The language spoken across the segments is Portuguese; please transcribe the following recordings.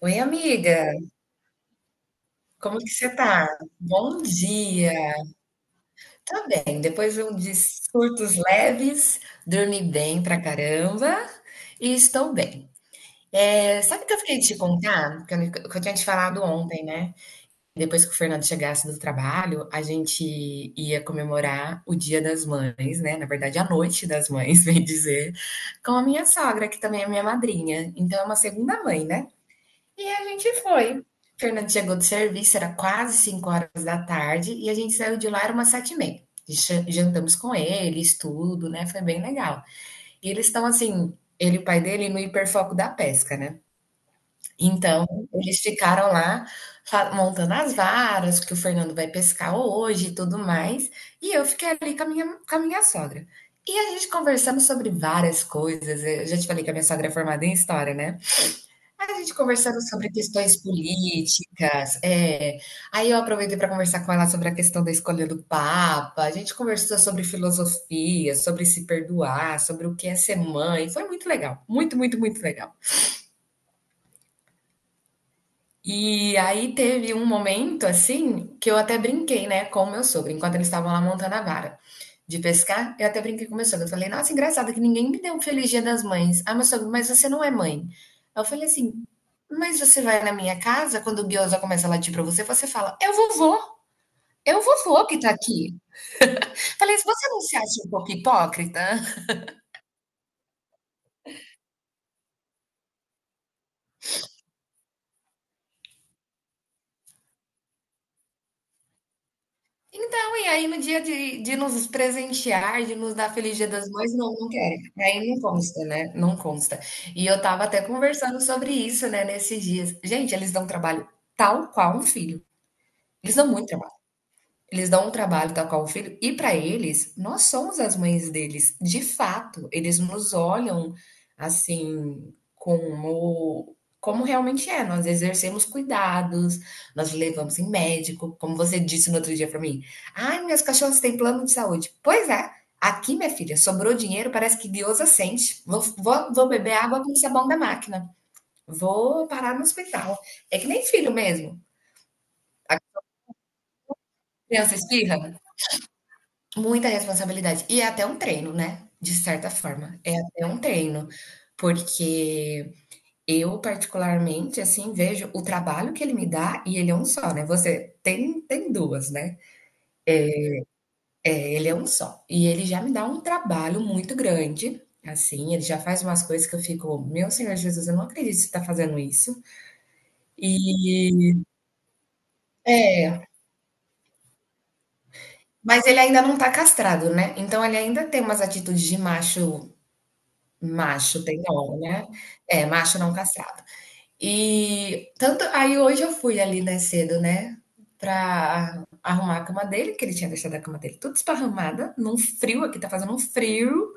Oi, amiga, como que você tá? Bom dia. Tá bem, depois de um de surtos leves, dormi bem pra caramba e estou bem. É, sabe o que eu fiquei de te contar? Que eu tinha te falado ontem, né? Depois que o Fernando chegasse do trabalho, a gente ia comemorar o Dia das Mães, né? Na verdade, a Noite das Mães, bem dizer, com a minha sogra, que também é minha madrinha. Então, é uma segunda mãe, né? E a gente foi. Fernando chegou do serviço, era quase 5 horas da tarde, e a gente saiu de lá, era umas 7 e meia. E jantamos com eles, tudo, né? Foi bem legal. E eles estão assim, ele e o pai dele, no hiperfoco da pesca, né? Então, eles ficaram lá montando as varas, que o Fernando vai pescar hoje e tudo mais. E eu fiquei ali com a minha sogra. E a gente conversamos sobre várias coisas. Eu já te falei que a minha sogra é formada em história, né? A gente conversando sobre questões políticas, é. Aí eu aproveitei para conversar com ela sobre a questão da escolha do Papa. A gente conversou sobre filosofia, sobre se perdoar, sobre o que é ser mãe. Foi muito legal, muito, muito, muito legal. E aí teve um momento assim que eu até brinquei, né, com o meu sogro, enquanto eles estavam lá montando a vara de pescar, eu até brinquei com o meu sogro. Eu falei, nossa, engraçado que ninguém me deu um feliz dia das mães. Ah, meu sogro, mas você não é mãe. Aí eu falei assim, mas você vai na minha casa, quando o guiosa começa a latir pra você, você fala, é o vovô que tá aqui. Falei, você não se acha um pouco hipócrita? Então, e aí no dia de nos presentear, de nos dar Feliz Dia das Mães, não, não quer. Aí não consta, né? Não consta. E eu tava até conversando sobre isso, né, nesses dias. Gente, eles dão trabalho tal qual um filho. Eles dão muito trabalho. Eles dão um trabalho tal qual o filho, e para eles, nós somos as mães deles, de fato. Eles nos olham assim, como, como realmente é. Nós exercemos cuidados, nós levamos em médico, como você disse no outro dia para mim. Ai, minhas cachorras têm plano de saúde. Pois é, aqui, minha filha, sobrou dinheiro, parece que Deus assente. Vou beber água com sabão da máquina. Vou parar no hospital. É que nem filho mesmo. A criança espirra, muita responsabilidade. E é até um treino, né, de certa forma. É até um treino, porque eu particularmente, assim, vejo o trabalho que ele me dá e ele é um só, né, você tem 2 né, ele é um só. E ele já me dá um trabalho muito grande, assim, ele já faz umas coisas que eu fico: "Meu Senhor Jesus, eu não acredito que você tá fazendo isso". E é, mas ele ainda não tá castrado, né, então ele ainda tem umas atitudes de macho. Macho tem nome, né. É, macho não castrado. E tanto aí hoje eu fui ali, né, cedo, né, pra arrumar a cama dele, que ele tinha deixado a cama dele tudo esparramada, num frio, aqui tá fazendo um frio,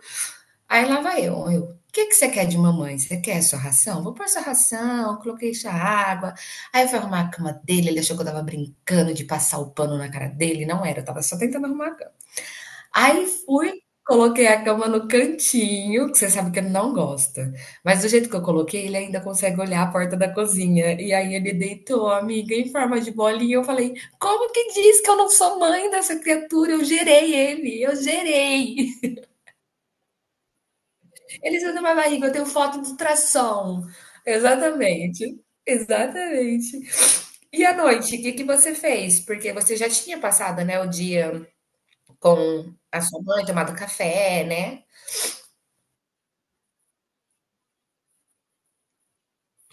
aí lá vai eu: o "Que que você quer de mamãe? Você quer sua ração? Vou pôr sua ração", coloquei já água, aí eu fui arrumar a cama dele, ele achou que eu estava brincando de passar o pano na cara dele, não era, eu estava só tentando arrumar. Aí fui, coloquei a cama no cantinho, que você sabe que ele não gosta, mas do jeito que eu coloquei, ele ainda consegue olhar a porta da cozinha. E aí ele deitou, amiga, em forma de bolinha. Eu falei: "Como que diz que eu não sou mãe dessa criatura? Eu gerei. Ele saiu da minha barriga, eu tenho foto de ultrassom". Exatamente, exatamente. E à noite, o que que você fez? Porque você já tinha passado, né, o dia com a sua mãe, tomado café, né,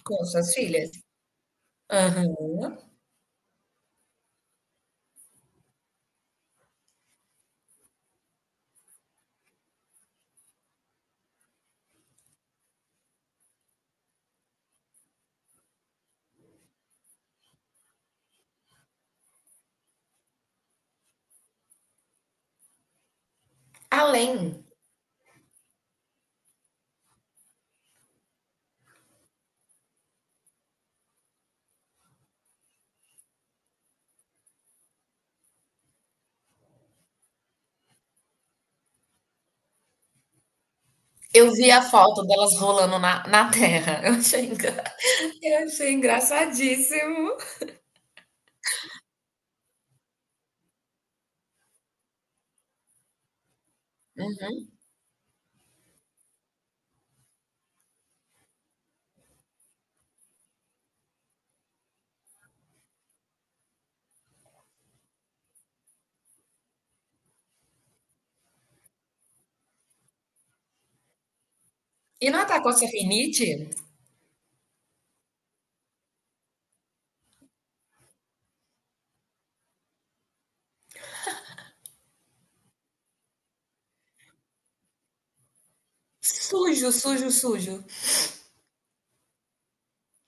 com as suas filhas? Aham. Além, eu vi a foto delas rolando na terra, eu achei engra eu achei engraçadíssimo. E não atacou Rinite? Sujo, sujo, sujo.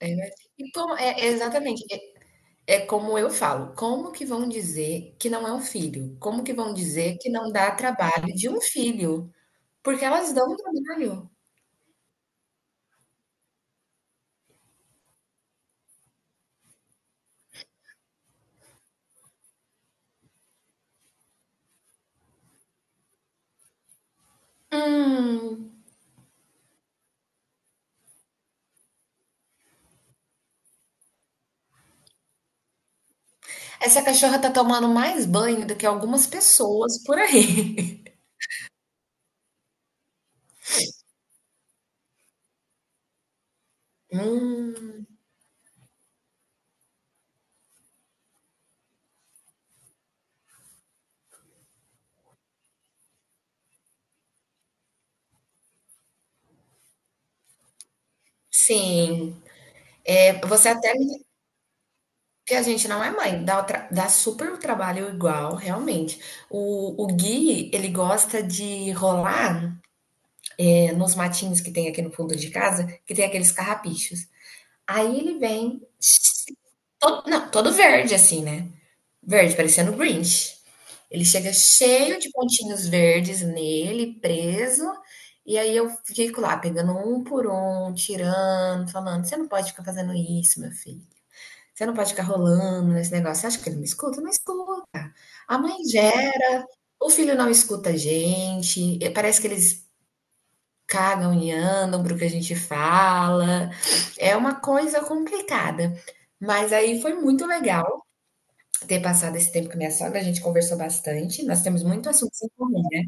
É verdade. E como é exatamente, é é como eu falo, como que vão dizer que não é um filho? Como que vão dizer que não dá trabalho de um filho? Porque elas dão trabalho. Hum, essa cachorra tá tomando mais banho do que algumas pessoas por aí. Hum, sim. É, você até me que a gente não é mãe, dá, tra- dá super o trabalho igual, realmente. O Gui, ele gosta de rolar, é, nos matinhos que tem aqui no fundo de casa, que tem aqueles carrapichos. Aí ele vem, todo, não, todo verde assim, né? Verde, parecendo o Grinch. Ele chega cheio de pontinhos verdes nele, preso, e aí eu fico lá, pegando um por um, tirando, falando, você não pode ficar fazendo isso, meu filho. Você não pode ficar rolando nesse negócio. Você acha que ele me escuta? Não escuta. A mãe gera, o filho não escuta a gente, e parece que eles cagam e andam pro que a gente fala. É uma coisa complicada. Mas aí foi muito legal ter passado esse tempo com a minha sogra, a gente conversou bastante, nós temos muito assuntos em comum, né?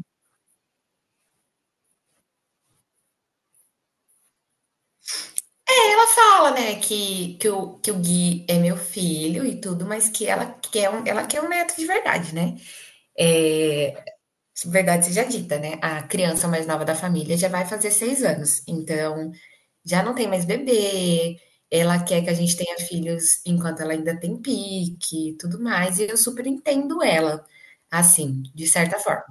Ela fala, né, que o Gui é meu filho e tudo, mas que ela quer um neto de verdade, né? É, verdade seja dita, né? A criança mais nova da família já vai fazer 6 anos, então já não tem mais bebê. Ela quer que a gente tenha filhos enquanto ela ainda tem pique, e tudo mais, e eu super entendo ela, assim, de certa forma.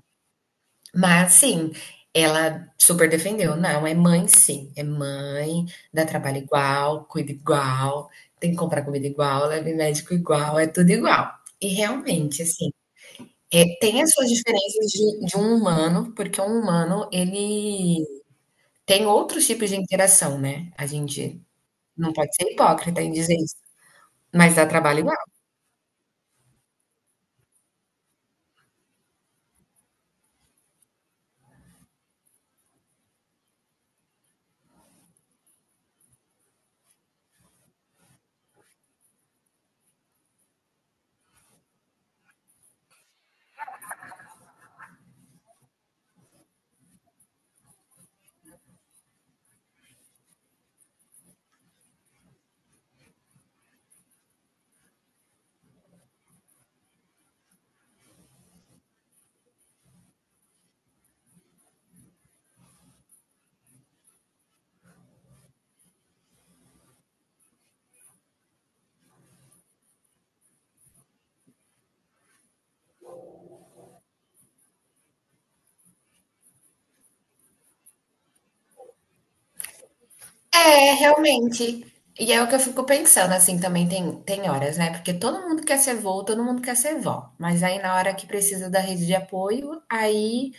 Mas sim, ela super defendeu. Não, é mãe, sim, é mãe, dá trabalho igual, cuida igual, tem que comprar comida igual, leva em médico igual, é tudo igual. E realmente, assim, é, tem as suas diferenças de um humano, porque um humano, ele tem outros tipos de interação, né? A gente não pode ser hipócrita em dizer isso, mas dá trabalho igual. É, realmente. E é o que eu fico pensando, assim, também tem, tem horas, né? Porque todo mundo quer ser vô, todo mundo quer ser vó. Mas aí na hora que precisa da rede de apoio, aí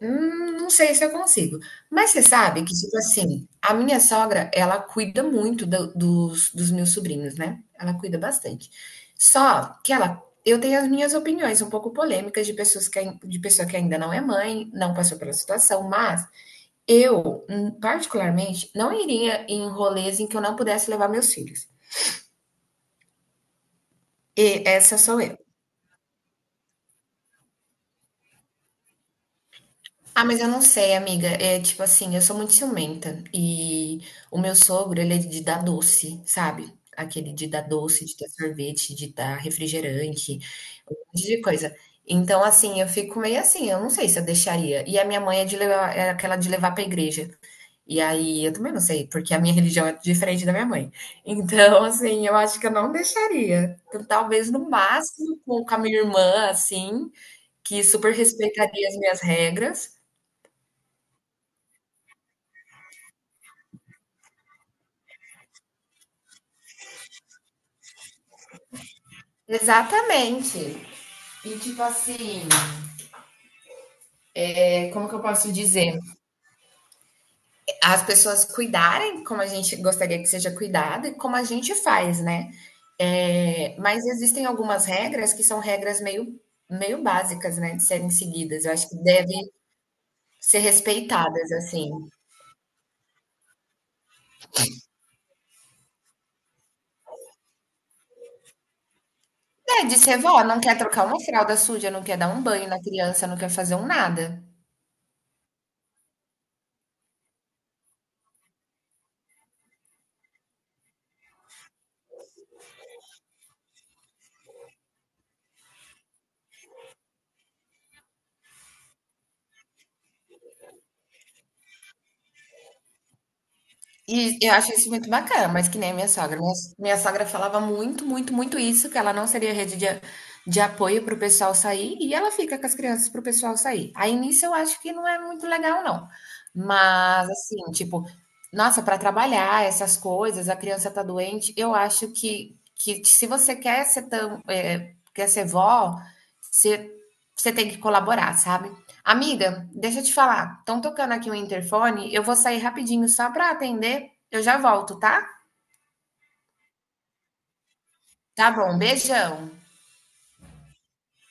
hum, não sei se eu consigo. Mas você sabe que, tipo assim, a minha sogra, ela cuida muito dos meus sobrinhos, né? Ela cuida bastante. Só que ela, eu tenho as minhas opiniões um pouco polêmicas de pessoas que, de pessoa que ainda não é mãe, não passou pela situação, mas eu, particularmente, não iria em rolês em que eu não pudesse levar meus filhos. E essa sou eu. Ah, mas eu não sei, amiga. É tipo assim, eu sou muito ciumenta. E o meu sogro, ele é de dar doce, sabe? Aquele de dar doce, de dar sorvete, de dar refrigerante, um monte de coisa. Então, assim, eu fico meio assim, eu não sei se eu deixaria. E a minha mãe é de levar, é aquela de levar pra igreja. E aí, eu também não sei, porque a minha religião é diferente da minha mãe. Então, assim, eu acho que eu não deixaria. Então, talvez no máximo com a minha irmã, assim, que super respeitaria as minhas regras. Exatamente. E tipo assim, é, como que eu posso dizer? As pessoas cuidarem como a gente gostaria que seja cuidado e como a gente faz, né? É, mas existem algumas regras que são regras meio, meio básicas, né, de serem seguidas. Eu acho que devem ser respeitadas, assim. É, de ser vó, não quer trocar uma fralda suja, não quer dar um banho na criança, não quer fazer um nada. E eu acho isso muito bacana, mas que nem a minha sogra. Minha sogra falava muito, muito, muito isso, que ela não seria rede de apoio para o pessoal sair, e ela fica com as crianças para o pessoal sair. Aí nisso eu acho que não é muito legal, não. Mas, assim, tipo, nossa, para trabalhar essas coisas, a criança tá doente, eu acho que se você quer ser tão, é, quer ser vó, você, você tem que colaborar, sabe? Amiga, deixa eu te falar. Estão tocando aqui o interfone. Eu vou sair rapidinho só para atender. Eu já volto, tá? Tá bom, beijão.